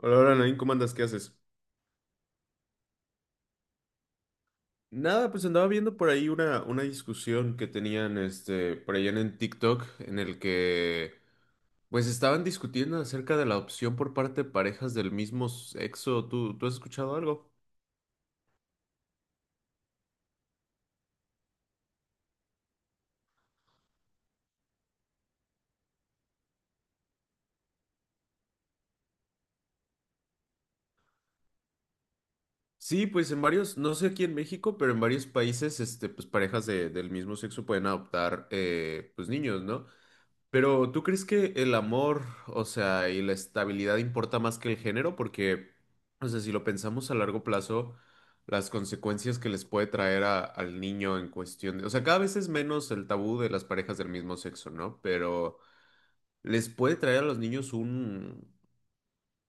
Hola, hola, Nain, ¿cómo andas? ¿Qué haces? Nada, pues andaba viendo por ahí una discusión que tenían por allá en el TikTok, en el que pues estaban discutiendo acerca de la opción por parte de parejas del mismo sexo. ¿Tú has escuchado algo? Sí, pues en varios, no sé aquí en México, pero en varios países, este, pues del mismo sexo pueden adoptar pues niños, ¿no? Pero ¿tú crees que el amor, o sea, y la estabilidad importa más que el género? Porque, o sea, si lo pensamos a largo plazo, las consecuencias que les puede traer al niño en cuestión de, o sea, cada vez es menos el tabú de las parejas del mismo sexo, ¿no? Pero les puede traer a los niños un,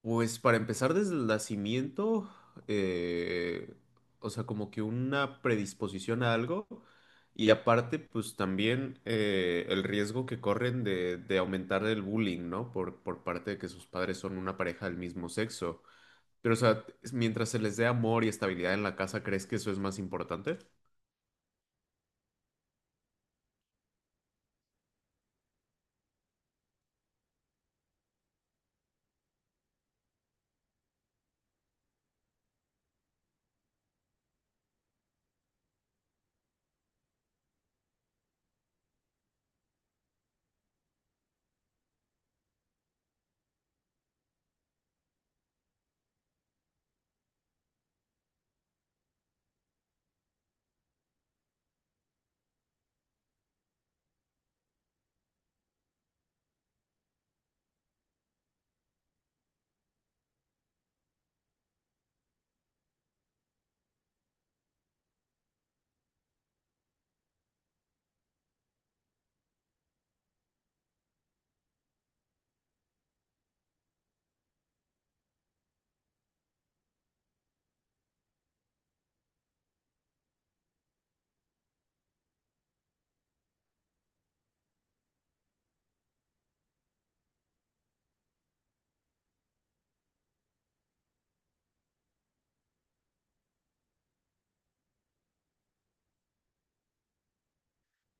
pues para empezar desde el nacimiento, eh, o sea, como que una predisposición a algo y aparte, pues también el riesgo que corren de aumentar el bullying, ¿no? Por parte de que sus padres son una pareja del mismo sexo. Pero, o sea, mientras se les dé amor y estabilidad en la casa, ¿crees que eso es más importante?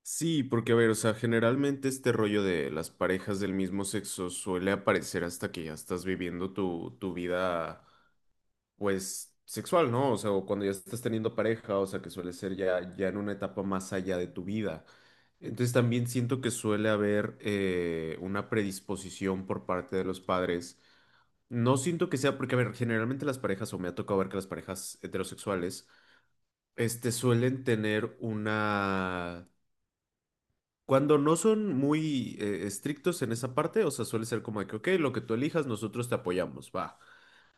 Sí, porque a ver, o sea, generalmente este rollo de las parejas del mismo sexo suele aparecer hasta que ya estás viviendo tu vida pues, sexual, ¿no? O sea, o cuando ya estás teniendo pareja, o sea, que suele ser ya, ya en una etapa más allá de tu vida. Entonces también siento que suele haber una predisposición por parte de los padres. No siento que sea porque, a ver, generalmente las parejas, o me ha tocado ver que las parejas heterosexuales, este, suelen tener una... Cuando no son muy estrictos en esa parte, o sea, suele ser como de que, ok, lo que tú elijas, nosotros te apoyamos, va.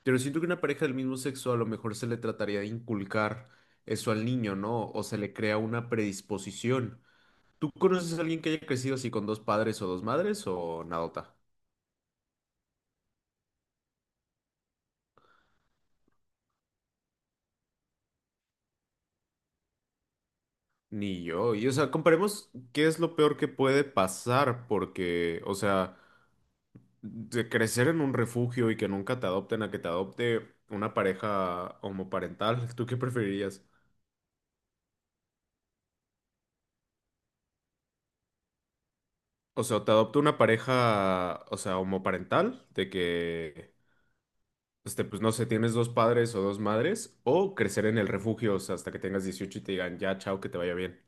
Pero siento que una pareja del mismo sexo a lo mejor se le trataría de inculcar eso al niño, ¿no? O se le crea una predisposición. ¿Tú conoces a alguien que haya crecido así con dos padres o dos madres o nadota? Ni yo. Y o sea, comparemos qué es lo peor que puede pasar, porque, o sea, de crecer en un refugio y que nunca te adopten a que te adopte una pareja homoparental, ¿tú qué preferirías? O sea, te adopta una pareja, o sea, homoparental, de que pues no sé, tienes dos padres o dos madres, o crecer en el refugio, o sea, hasta que tengas 18 y te digan, ya, chao, que te vaya bien.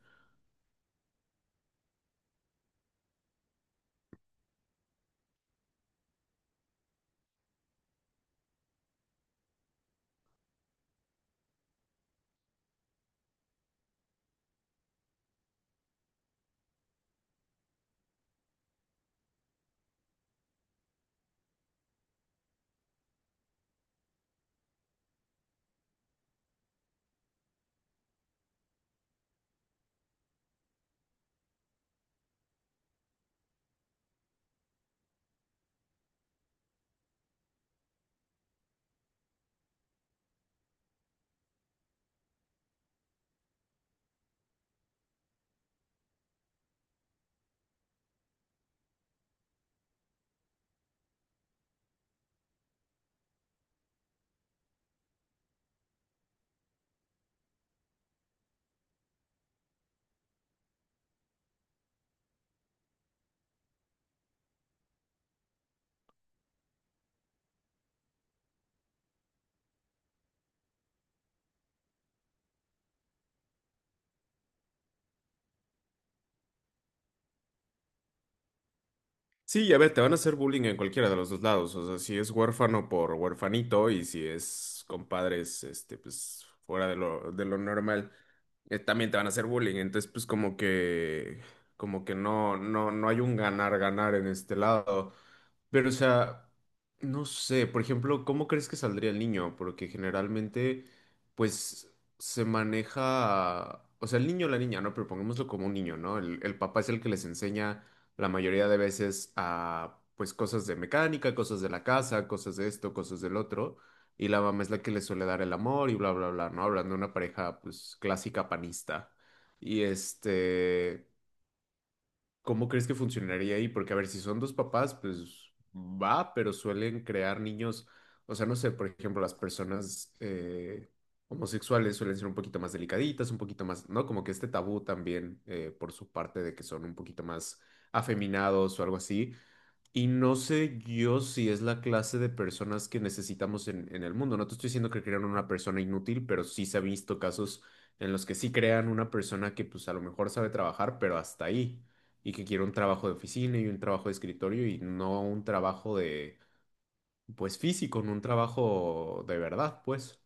Sí, ya ver, te van a hacer bullying en cualquiera de los dos lados. O sea, si es huérfano por huérfanito y si es compadres, este, pues fuera de lo normal, también te van a hacer bullying. Entonces, pues como que no, no, no hay un ganar, ganar en este lado. Pero, o sea, no sé, por ejemplo, ¿cómo crees que saldría el niño? Porque generalmente, pues, se maneja, o sea, el niño o la niña, ¿no? Pero pongámoslo como un niño, ¿no? El papá es el que les enseña la mayoría de veces a pues cosas de mecánica, cosas de la casa, cosas de esto, cosas del otro, y la mamá es la que le suele dar el amor y bla, bla, bla, ¿no? Hablando de una pareja pues clásica panista. Y este... ¿Cómo crees que funcionaría ahí? Porque, a ver, si son dos papás, pues va, pero suelen crear niños, o sea, no sé, por ejemplo, las personas homosexuales suelen ser un poquito más delicaditas, un poquito más, ¿no? Como que este tabú también por su parte de que son un poquito más afeminados o algo así. Y no sé yo si es la clase de personas que necesitamos en el mundo. No te estoy diciendo que crean una persona inútil, pero sí se ha visto casos en los que sí crean una persona que pues a lo mejor sabe trabajar, pero hasta ahí. Y que quiere un trabajo de oficina y un trabajo de escritorio y no un trabajo de, pues físico, no un trabajo de verdad, pues.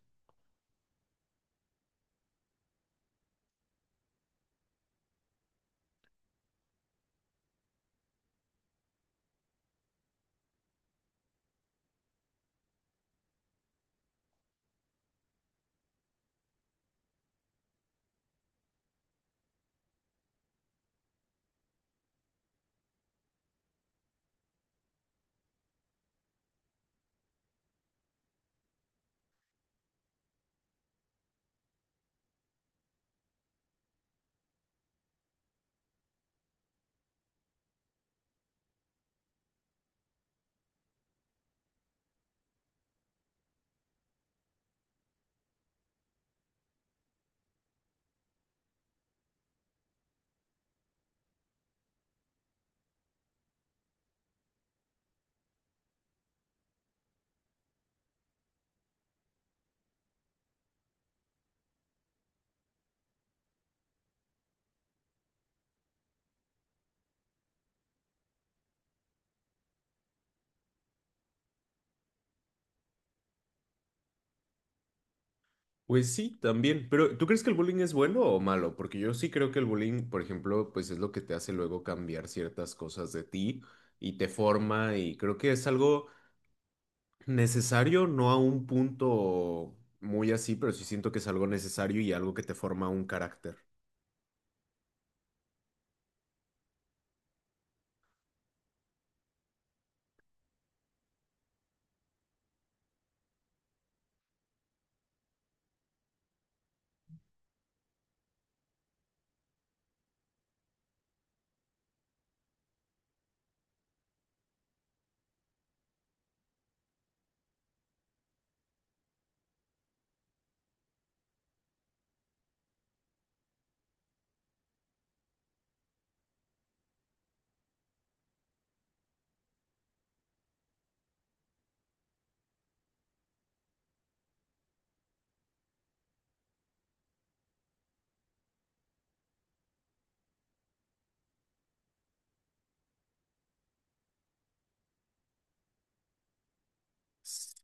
Pues sí, también. Pero, ¿tú crees que el bullying es bueno o malo? Porque yo sí creo que el bullying, por ejemplo, pues es lo que te hace luego cambiar ciertas cosas de ti y te forma y creo que es algo necesario, no a un punto muy así, pero sí siento que es algo necesario y algo que te forma un carácter.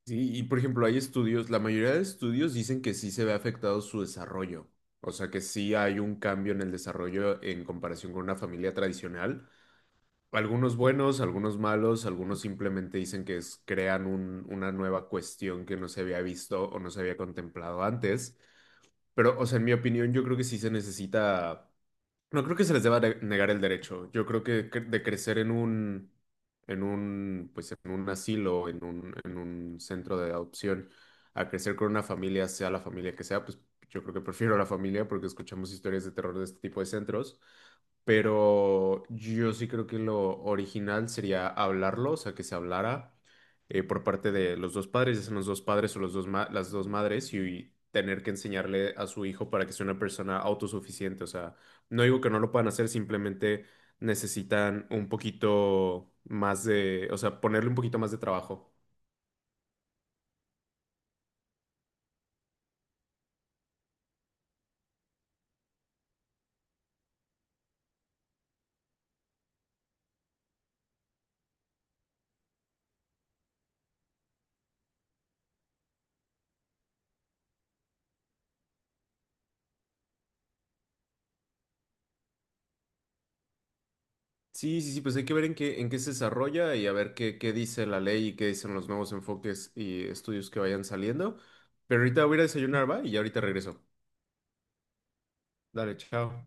Sí, y por ejemplo, hay estudios, la mayoría de estudios dicen que sí se ve afectado su desarrollo. O sea que sí hay un cambio en el desarrollo en comparación con una familia tradicional. Algunos buenos, algunos malos, algunos simplemente dicen que crean una nueva cuestión que no se había visto o no se había contemplado antes. Pero, o sea, en mi opinión, yo creo que sí se necesita. No creo que se les negar el derecho. Yo creo que de crecer en un, pues en un asilo, en un centro de adopción, a crecer con una familia, sea la familia que sea, pues yo creo que prefiero la familia porque escuchamos historias de terror de este tipo de centros. Pero yo sí creo que lo original sería hablarlo, o sea, que se hablara por parte de los dos padres, ya sean los dos padres o los dos las dos madres, y, tener que enseñarle a su hijo para que sea una persona autosuficiente, o sea no digo que no lo puedan hacer, simplemente necesitan un poquito más de, o sea, ponerle un poquito más de trabajo. Sí, sí, sí, pues hay que ver en qué se desarrolla y a ver qué, qué dice la ley y qué dicen los nuevos enfoques y estudios que vayan saliendo. Pero ahorita voy a ir a desayunar, va, y ya ahorita regreso. Dale, chao.